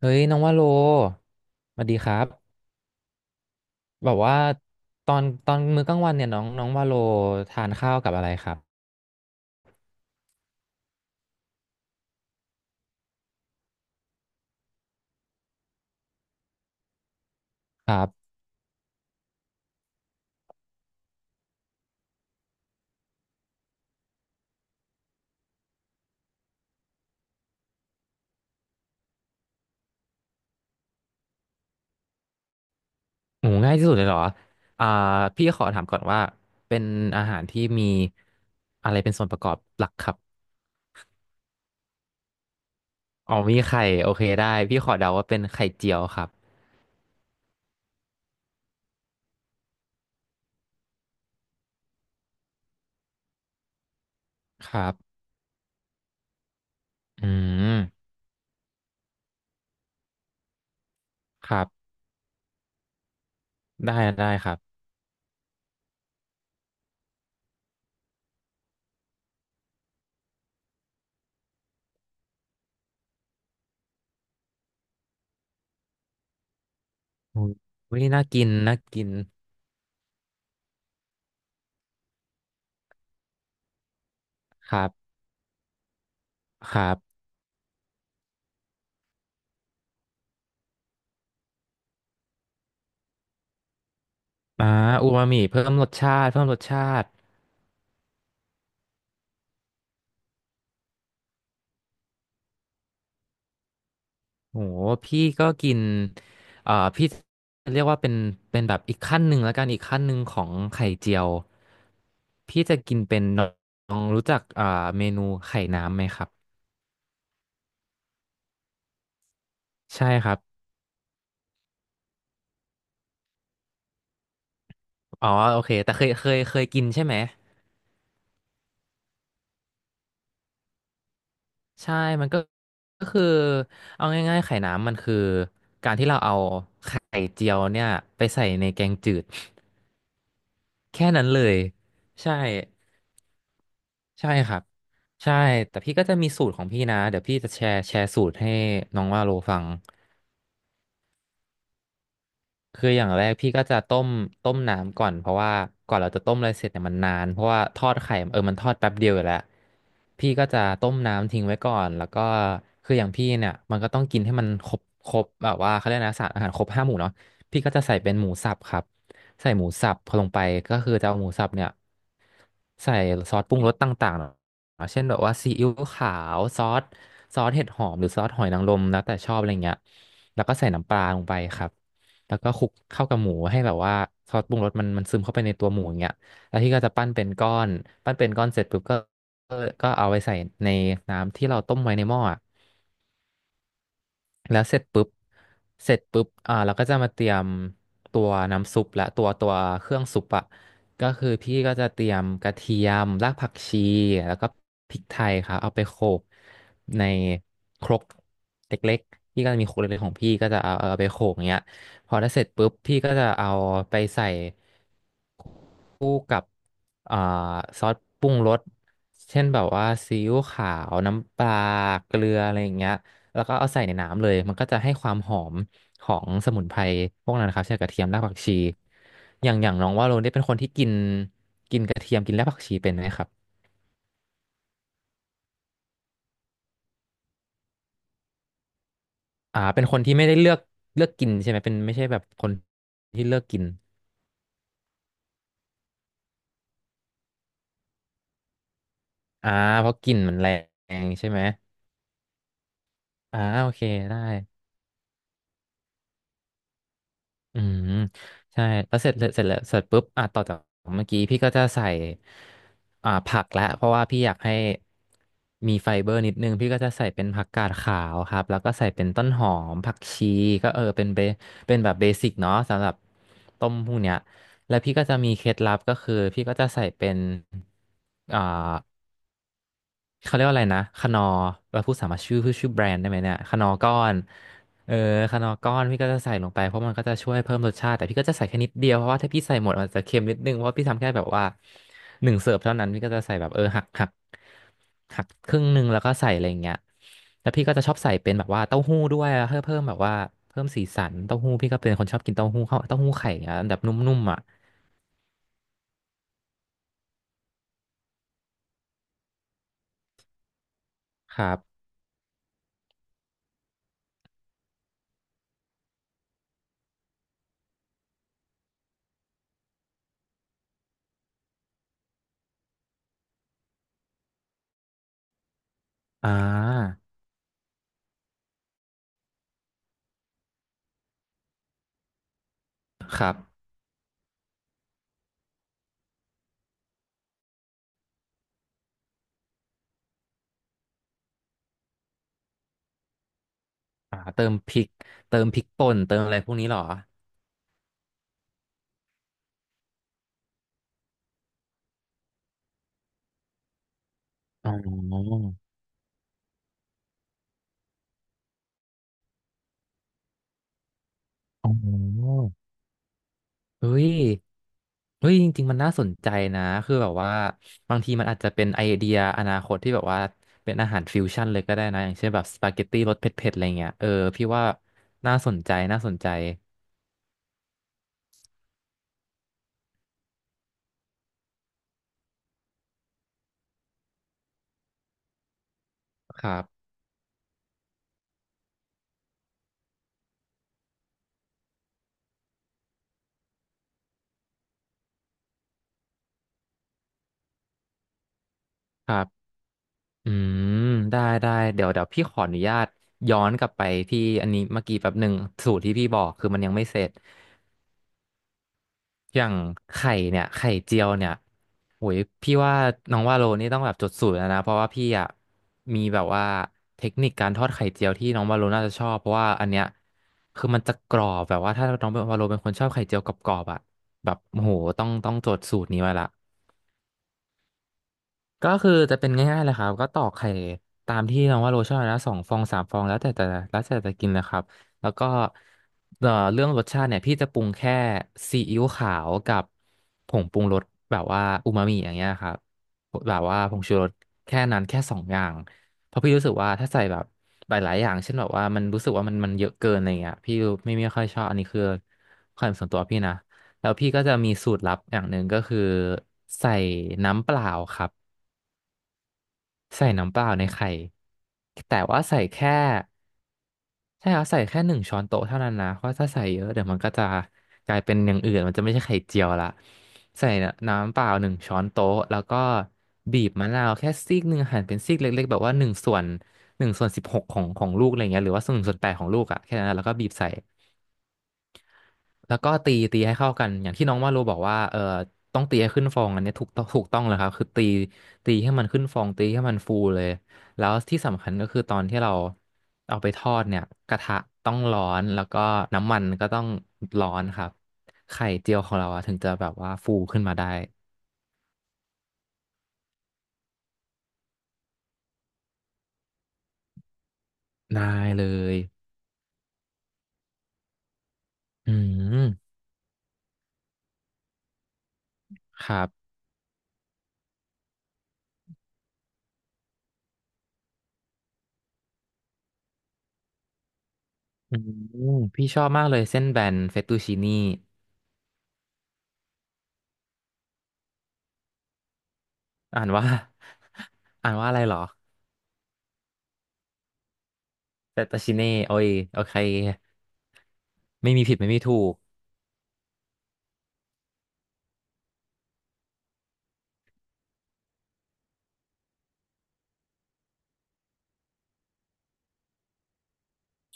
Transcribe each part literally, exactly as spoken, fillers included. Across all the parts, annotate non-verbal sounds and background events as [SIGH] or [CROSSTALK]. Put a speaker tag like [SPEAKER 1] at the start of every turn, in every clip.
[SPEAKER 1] เฮ้ยน้องว่าโลสวัสดีครับแบบว่าตอนตอนมื้อกลางวันเนี่ยน้องน้องว่าโลทานข้าวกับอะไรครับครับโอ้ง่ายที่สุดเลยเหรออ่าพี่ขอถามก่อนว่าเป็นอาหารที่มีอะไรเป็นส่วนประกอบหลักครับอ๋อมีไข่โอเคได้พี่ขอเดาว่าเป็นไข่เจียวครับครับอืมครับได้ได้ครับอุ้ยอุ๊ยน่ากินน่ากินครับครับอ่าอูมามิเพิ่มรสชาติเพิ่มรสชาติ โห พี่ก็กินเอ่อพี่เรียกว่าเป็น เป็นแบบอีกขั้นหนึ่งแล้วกันอีกขั้นหนึ่งของไข่เจียว พี่จะกินเป็นน้องรู้จักเอ่อเมนูไข่น้ำไหมครับ ใช่ครับ อ๋อ โอเคแต่เคยเคยเคยกินใช่ไหม ใช่มันก็ก็คือ เอาง่ายๆ ไข่น้ำมันคือ การที่เราเอาไข่เจียวเนี่ยไปใส่ในแกงจืด [LAUGHS] แค่นั้นเลยใช่ ใช่ครับใช่แต่พี่ก็จะมีสูตรของพี่นะเดี๋ยวพี่จะแชร์แชร์สูตรให้น้องว่าโลฟังคืออย่างแรกพี่ก็จะต้มต้มน้ำก่อนเพราะว่าก่อนเราจะต้มอะไรเสร็จเนี่ยมันนานเพราะว่าทอดไข่เออมันทอดแป๊บเดียวอยู่แล้วพี่ก็จะต้มน้ำทิ้งไว้ก่อนแล้วก็คืออย่างพี่เนี่ยมันก็ต้องกินให้มันครบครบแบบว่าเขาเรียกนะสารอาหารครบห้าหมู่เนาะพี่ก็จะใส่เป็นหมูสับครับใส่หมูสับพอลงไปก็คือจะเอาหมูสับเนี่ยใส่ซอสปรุงรสต่างๆ เช่นแบบว่าซีอิ๊วขาวซอสซอสเห็ดหอมหรือซอสหอยนางรมแล้วแต่ชอบอะไรเงี้ยแล้วก็ใส่น้ำปลาลงไปครับแล้วก็คลุกเข้ากับหมูให้แบบว่าซอสปรุงรสมันมันซึมเข้าไปในตัวหมูอย่างเงี้ยแล้วที่ก็จะปั้นเป็นก้อนปั้นเป็นก้อนเสร็จปุ๊บก็ก็ก็เอาไปใส่ในน้ำที่เราต้มไว้ในหม้ออะ แล้วเสร็จปุ๊บเสร็จปุ๊บอ่าเราก็จะมาเตรียมตัวน้ำซุปและตัวตัวเครื่องซุปอะก็คือพี่ก็จะเตรียมกระเทียมรากผักชีแล้วก็พริกไทยครับเอาไปโขลกในครกเล็กๆพี่ก็จะมีครกเล็กๆของพี่ก็จะเอาเอาไปโขลกอย่างเงี้ยพอได้เสร็จปุ๊บพี่ก็จะเอาไปใส่ คู่กับอ่าซอสปรุงรสเช่นแบบว่าซีอิ๊วขาวน้ำปลาเกลืออะไรอย่างเงี้ยแล้วก็เอาใส่ในน้ำเลยมันก็จะให้ความหอมของสมุนไพรพวกนั้นนะครับเช่นกระเทียมรากผักชีอย่างอย่างน้องว่าโรนได้เป็นคนที่กินกินกระเทียมกินรากผักชีเป็นไหมครับอ่าเป็นคนที่ไม่ได้เลือกเลือกกินใช่ไหมเป็นไม่ใช่แบบคนที่เลือกกินอ่าเพราะกลิ่นมันแรงใช่ไหมอ่าโอเคได้ อืมใช่แล้วเสร็จเสร็จแล้วเสร็จปุ๊บอ่ะต่อจากเมื่อกี้พี่ก็จะใส่อ่าผักแล้วเพราะว่าพี่อยากให้มีไฟเบอร์นิดนึงพี่ก็จะใส่เป็นผักกาดขาวครับแล้วก็ใส่เป็นต้นหอมผักชีก็เออเป็นเบเป็นแบบเบสิกเนาะสำหรับต้มพวกเนี้ยแล้วพี่ก็จะมีเคล็ดลับก็คือพี่ก็จะใส่เป็นอ่า เขาเรียกว่าอะไรนะคนอร์เราพูดสามารถชื่อพูดชื่อแบรนด์ได้ไหมเนี่ยคนอร์ก้อนเออคนอร์ก้อน พี่ก็จะใส่ลงไปเพราะมันก็จะช่วยเพิ่มรสชาติ แต่พี่ก็จะใส่แค่นิดเดียวเพราะว่าถ้าพี่ใส่หมดมันจะเค็มนิดนึง เพราะว่าพี่ทำแค่แบบว่าหนึ่งเสิร์ฟเท่านั้นพี่ก็จะใส่แบบเออหักหักหักครึ่งหนึ่งแล้วก็ใส่อะไรอย่างเงี้ยแล้วพี่ก็จะชอบใส่เป็นแบบว่าเต้าหู้ด้วยเพื่อเพิ่มแบบว่าเพิ่มสีสันเต้าหู้พี่ก็เป็นคนชอบกินเต้าหู้เข้าเต้าหู้ไข่อย่างเงี้ยแบบนุ่มๆอ่ะครับอ่าครับอ่าเติมพริกเติมพริกป่นเติมอะไรพวกนี้เหรอ อ๋ออ๋อเฮ้ยเฮ้ย จริงๆ มันน่าสนใจนะ คือแบบว่าบางทีมันอาจจะเป็นไอเดียอนาคตที่แบบว่าเป็นอาหารฟิวชั่นเลยก็ได้นะอย่างเช่นแบบสปาเกตตี้รสเผ็ดๆ อะไรเงี้ยเออพี่ว่าน่าสนใจน่าสนใจครับครับอืมได้ได้เดี๋ยวเดี๋ยวพี่ขออนุญาตย้อนกลับไปที่อันนี้เมื่อกี้แป๊บหนึ่งสูตรที่พี่บอกคือมันยังไม่เสร็จ อย่างไข่เนี่ยไข่เจียวเนี่ยโอ้ยพี่ว่าน้องว่าโลนี่ต้องแบบจดสูตรแล้วนะเพราะว่าพี่อ่ะมีแบบว่าเทคนิคการทอดไข่เจียวที่น้องวาโลน่าจะชอบเพราะว่าอันเนี้ยคือมันจะกรอบแบบว่าถ้าน้องวาโลเป็นคนชอบไข่เจียวกรอบๆอ่ะแบบโอ้โหต้องต้องจดสูตรนี้ไว้ละ ก็คือจะเป็นง่ายๆเลยครับก็ตอกไข่ตามที่น้องว่าโรชอบนะสองฟองสามฟองแล้วแต่แต่แล้วแต่จะกินนะครับแล้วก็เอ่อเรื่องรสชาติเนี่ยพี่จะปรุงแค่ซีอิ๊วขาวกับผงปรุงรสแบบว่าอูมามิอย่างเงี้ยครับแบบว่าผงชูรสแค่นั้นแค่สองอย่างเพราะพี่รู้สึกว่าถ้าใส่แบบหลายๆอย่างเช่นแบบว่ามันรู้สึกว่ามันมันเยอะเกินอะไรเงี้ยพี่ไม่ไม่ค่อยชอบอันนี้คือความเห็นส่วนตัวพี่นะแล้วพี่ก็จะมีสูตรลับอย่างหนึ่งก็คือใส่น้ำเปล่าครับ ใส่น้ำเปล่าในไข่แต่ว่าใส่แค่ใช่ครับใส่แค่หนึ่งช้อนโต๊ะเท่านั้นนะเพราะถ้าใส่เยอะเดี๋ยวมันก็จะกลายเป็นอย่างอื่นมันจะไม่ใช่ไข่เจียวละใส่น้ำเปล่าหนึ่งช้อนโต๊ะแล้วก็บีบมะนาวแค่ซีกหนึ่งหั่นเป็นซีกเล็กๆแบบว่าหนึ่งส่วนหนึ่งส่วนสิบหกของของลูกอะไรเงี้ยหรือว่าส่วนหนึ่งส่วนแปดของลูกอะแค่นั้นแล้วก็บีบใส่ แล้วก็ตีตีให้เข้ากันอย่างที่น้องว่าโลบอกว่าเออต้องตีให้ขึ้นฟองอันเนี้ยถูกต้องถูกต้องเลยครับคือตีตีให้มันขึ้นฟองตีให้มันฟูเลยแล้วที่สำคัญก็คือตอนที่เราเอาไปทอดเนี่ยกระทะต้องร้อนแล้วก็น้ำมันก็ต้องร้อนครับไข่เจียวของเราอะถึงจะแบบว่าฟูขึ้นมาได้ได้เลยอืมครับอืมพี่ชอบมากเลยเส้นแบนเฟตตูชินี่อ่านว่า [LAUGHS] อ่านว่าอะไรเหรอ แต่ตาชิเน่โอ้ยโอเคไม่มีผิดไม่มีถูก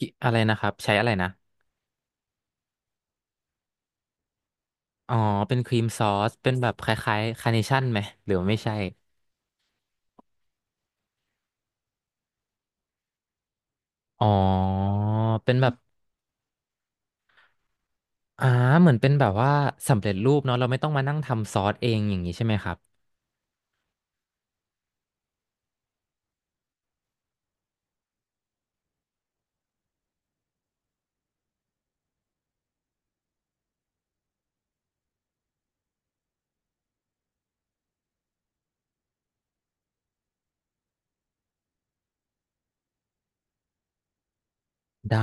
[SPEAKER 1] อิอะไรนะครับใช้อะไรนะอ๋อเป็นครีมซอสเป็นแบบคล้ายๆคาร์เนชั่นไหมหรือว่าไม่ใช่อ๋อเป็นแบบอ่าเหมือนเป็นแบบว่าสำเร็จรูปเนาะเราไม่ต้องมานั่งทำซอสเองอย่างนี้ใช่ไหมครับได้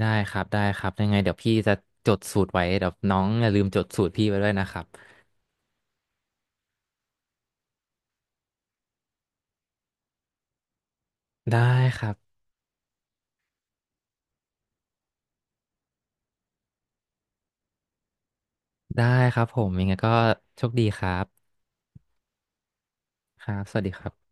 [SPEAKER 1] ได้ครับได้ครับยังไงเดี๋ยวพี่จะจดสูตรไว้เดี๋ยวน้องอย่าลืมจดสูตรพี่ไว้ด้วยนะครับได้ครับได้ครับผมยังไงก็โชคดีครับครับสวัสดีครับ